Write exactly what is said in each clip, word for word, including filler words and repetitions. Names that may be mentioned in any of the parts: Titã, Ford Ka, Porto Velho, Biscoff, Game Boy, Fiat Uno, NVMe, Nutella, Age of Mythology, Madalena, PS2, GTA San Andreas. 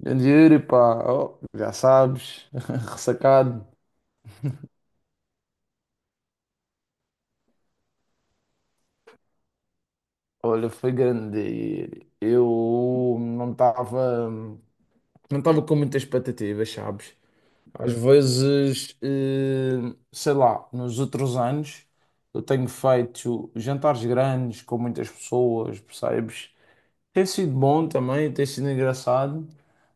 Grande Yuri, pá, oh, já sabes, ressacado. Olha, foi grande dia. Eu não estava não estava com muitas expectativas, sabes? Às vezes, eh, sei lá, nos outros anos eu tenho feito jantares grandes com muitas pessoas, percebes? Tem sido bom também, tem sido engraçado,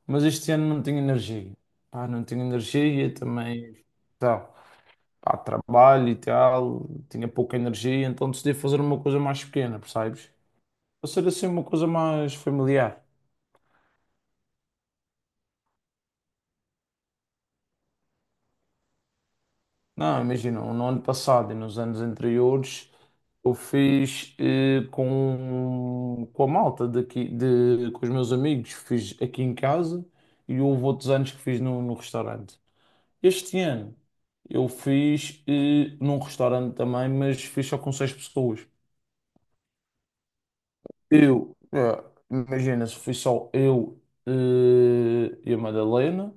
mas este ano não tenho energia. Pá, não tenho energia também. Tá. Pá, trabalho e tal, tinha pouca energia, então decidi fazer uma coisa mais pequena, percebes? Para ser assim uma coisa mais familiar. Não, imagina, no ano passado e nos anos anteriores eu fiz eh, com, com a malta daqui, de, com os meus amigos, fiz aqui em casa e houve outros anos que fiz no, no restaurante. Este ano eu fiz eh, num restaurante também, mas fiz só com seis pessoas. Eu, é, imagina, se fui só eu, eh, e a Madalena,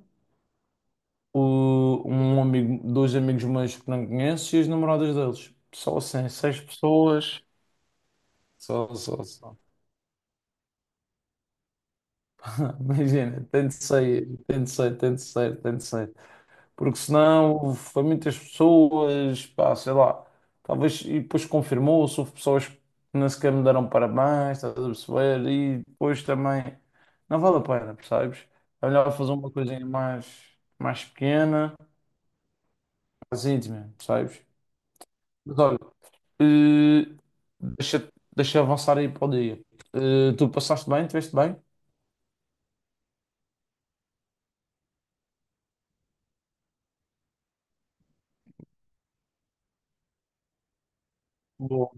o- um amigo, dois amigos meus que não conheço e as namoradas deles. Só assim, seis pessoas. Só, só, só. Imagina, tanto sei, tanto sei, tanto sei, tanto sei. Porque senão foi muitas pessoas, pá, sei lá, talvez, e depois confirmou-se, houve pessoas que nem sequer me deram parabéns, estás a perceber? E depois também, não vale a pena, percebes? É melhor fazer uma coisinha mais, mais pequena, mais íntima, percebes? Mas olha, eh, deixa, deixa avançar aí para o dia. Eh, tu passaste bem, estiveste bem? Boa,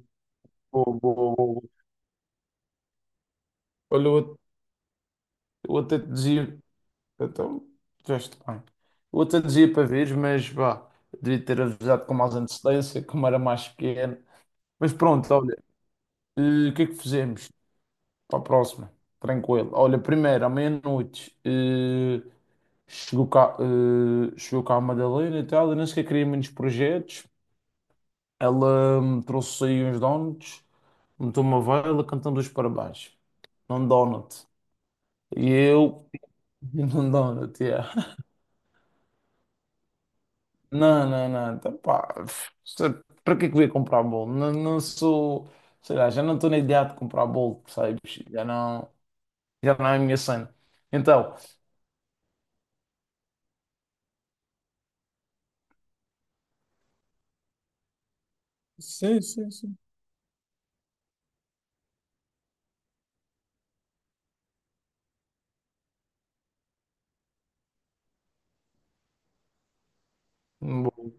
boa, boa, boa, boa. Olha, eu, eu até te dizia. Então, já está bem. O outro dia para ver, mas vá, devia ter avisado com mais antecedência, como era mais pequeno. Mas pronto, olha, eh, o que é que fizemos para a próxima? Tranquilo. Olha, primeiro, à meia-noite, eh, chegou cá, eh, chegou cá a Madalena e tal, eu nem sequer queria muitos projetos. Ela me trouxe aí uns donuts, meteu uma vela, cantando os parabéns. Num donut. E eu, num donut, yeah. Não, não, não. Então, pá, se- para que é que eu ia comprar bolo? Não, não sou, sei lá, já não estou na ideia de comprar bolo, percebes? Já não, já não é a minha cena. Então, sim, sim, sim, bolo.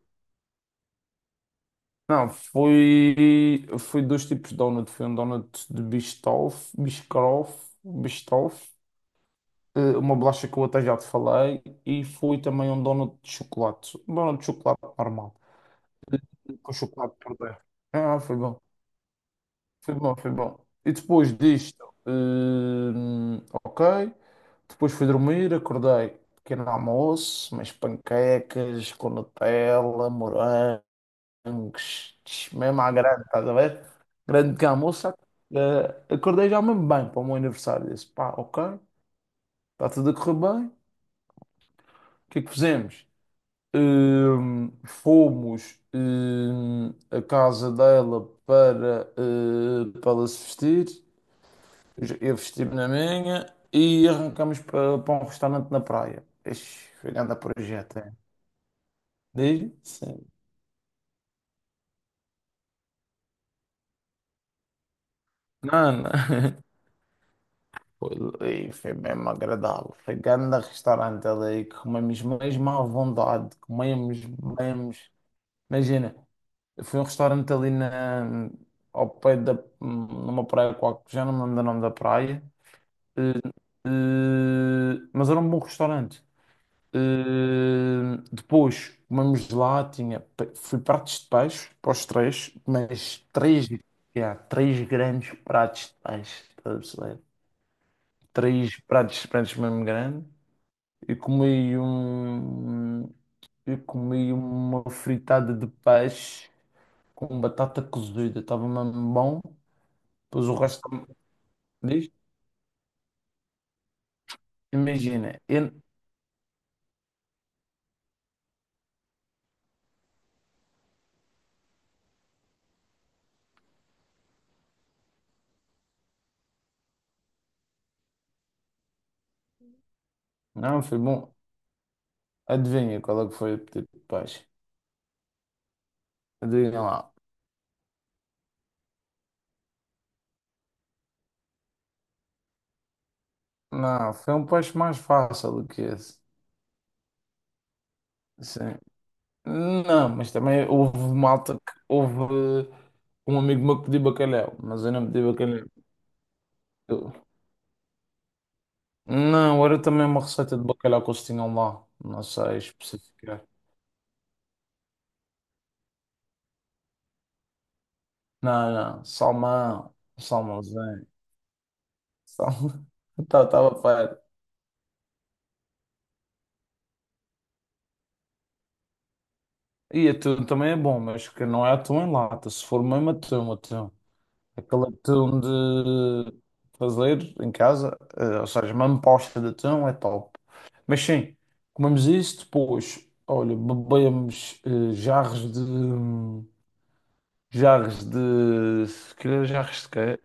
Não, foi, foi dois tipos de donut. Foi um donut de Biscoff, Biscoff, Biscoff, eh, uma bolacha que eu até já te falei, e foi também um donut de chocolate. Um donut de chocolate normal, com chocolate por dentro. Ah, foi bom. Foi bom, foi bom. E depois disto, hum, ok. Depois fui dormir, acordei, pequeno almoço, mas panquecas com Nutella, morangos, tch, mesmo à grande, estás a ver? Grande pequeno almoço, sabe? Eh, acordei já mesmo bem para o meu aniversário. Disse, pá, ok, está tudo a correr bem. O que é que fizemos? Hum, fomos, hum, à casa dela para, eh, para ela se vestir. Eu vesti-me na minha e arrancamos para, para um restaurante na praia. Ixi, foi grande projeto, é. Diz? Sim. Não, não. Foi, ali, foi mesmo agradável. Foi grande restaurante ali. Comemos mesmo à vontade. Comemos, comemos. Imagina, foi um restaurante ali na, ao pé da, numa praia qualquer, já não me lembro do nome da praia. Eh, eh, mas era um bom restaurante. Uh, depois comemos lá, tinha, pe- fui pratos de peixe para os três, mas três, já, três grandes pratos de peixe, estás a perceber? Três pratos de peixe mesmo grande. E comi um, eu comi uma fritada de peixe com batata cozida, estava mesmo bom. Depois o resto diz, imagina, eu- não foi bom. Adivinha qual é que foi o pedido de peixe? Adivinha lá. Não, foi um peixe mais fácil do que esse. Sim. Não, mas também houve malta que houve um amigo meu que pediu bacalhau, mas eu não pedi bacalhau. Eu- Não, era também uma receita de bacalhau que eles tinham lá. Não sei especificar. Não, não, salmão, salmãozinho, salmão. Estava perto. E atum também é bom, mas que não é atum em lata. Se for mesmo atum, atum. Aquele atum de fazer em casa, eh, ou seja, uma amposta de atum é top. Mas sim, comemos isso, depois, olha, bebemos eh, jarros de, hum, jarros de. Se calhar jarros de quê?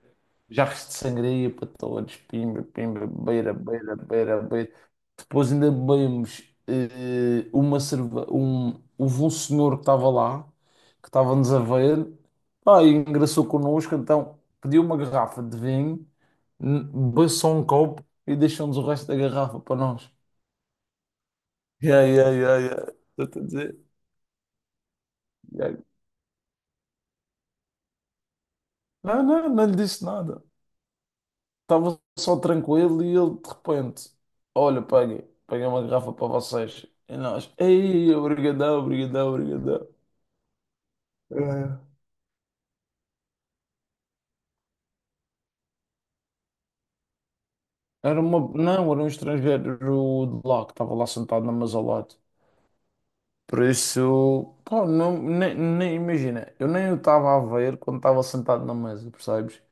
Jarros de sangria para todos. Pimba, pimba, beira, beira, beira, beira. Depois ainda bebemos eh, uma cerve... um... Houve um senhor que estava lá, que estava-nos a ver, pá, e engraçou connosco, então pediu uma garrafa de vinho, n- bebeu só um copo e deixou-nos o resto da garrafa para nós. Yeah, yeah, yeah, yeah. Estou a dizer. Yeah. Não, não, não lhe disse nada. Estava só tranquilo e ele de repente, olha, paguei, paguei uma garrafa para vocês. E nós, ei, obrigadão, obrigadão, obrigadão. É. Era uma, não, era um estrangeiro de lá que estava lá sentado na mesa ao lado. Por isso, pá, não, nem, nem imagina, eu nem o estava a ver quando estava sentado na mesa, percebes?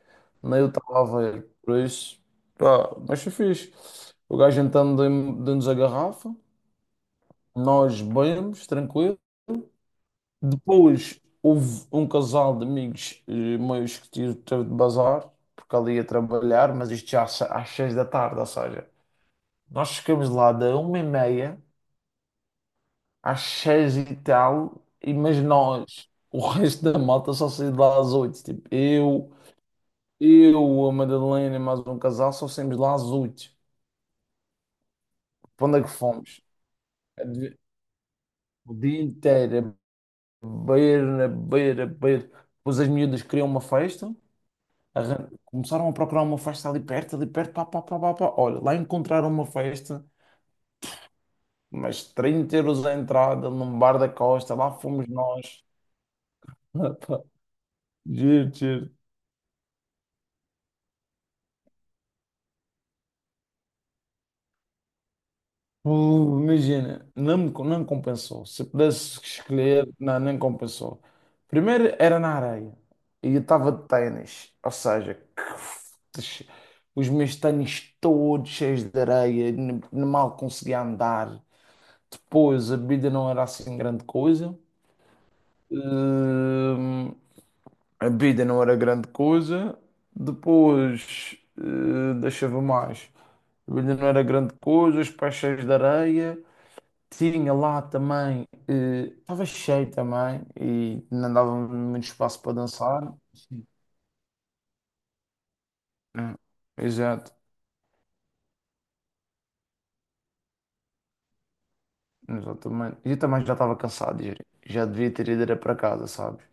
Nem eu estava a ver, por isso, pá, mas foi fixe. O gajo então deu- deu-nos a garrafa, nós bebemos, tranquilo. Depois houve um casal de amigos eh, meus que tive, teve de bazar, porque ali ia trabalhar, mas isto já às se- às seis da tarde, ou seja, nós chegamos lá da uma e meia às seis e tal, e mas nós, o resto da malta só saiu de lá às oito. Tipo, eu, eu, a Madalena e mais um casal só saímos de lá às oito. Para onde é que fomos? O dia inteiro, a beber, a beber, a beber. Depois as miúdas queriam uma festa. Arran- Começaram a procurar uma festa ali perto, ali perto, pá, pá, pá, pá, pá. Olha, lá encontraram uma festa, mas trinta euros a entrada num bar da Costa, lá fomos nós. Ah, pá, giro, giro. Uh, Imagina, não, me- não compensou. Se pudesse escolher, não, nem compensou. Primeiro era na areia e eu estava de ténis, ou seja, que- os meus ténis todos cheios de areia, n- mal conseguia andar. Depois a bebida não era assim grande coisa. Hum, a bebida não era grande coisa. Depois, eh, deixava mais. A bebida não era grande coisa, os pés cheios de areia. Tinha lá também, eh, estava cheio também e não dava muito espaço para dançar. Sim. Hum, exato, exatamente. E eu também já estava cansado, já já devia ter ido era para casa, sabes?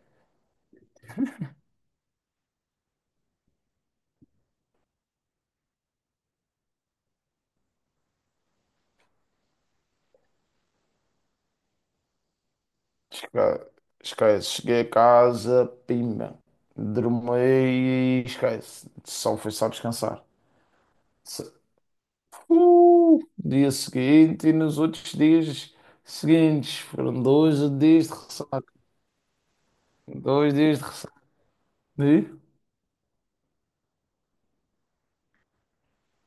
Esca- Esquece, cheguei a casa, pimba, dormi e esquece, só fui só descansar. Se- Uh, dia seguinte e nos outros dias seguintes, foram dois dias de ressaca, dois dias de ressaca. E,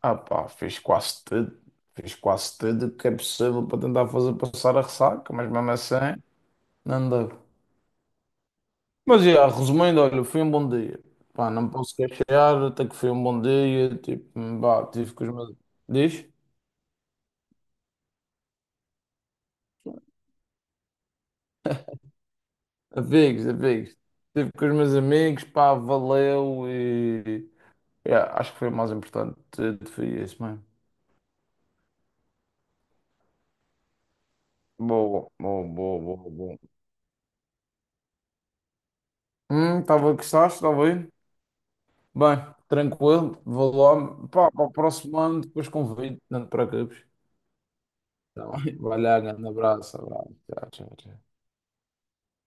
ah pá, fiz quase tudo, fiz quase tudo o que é possível para tentar fazer passar a ressaca, mas mesmo assim, não deu. Mas, já, resumindo, olha, foi um bom dia. Pá, não me posso queixar, até que foi um bom dia. Tipo, pá, tive com os meus... Diz? Amigos, amigos. Tive com os meus amigos, pá, valeu e... já, acho que foi o mais importante. eh, Foi isso mesmo. Boa, boa, boa, boa, boa. Hum, estava a gostar, estava bem? Bem, tranquilo, vou lá. Pá, para o próximo ano, depois convido, não te preocupes. Tá bem? Vai lá, grande abraço, abraço. Tchau, tchau, tchau.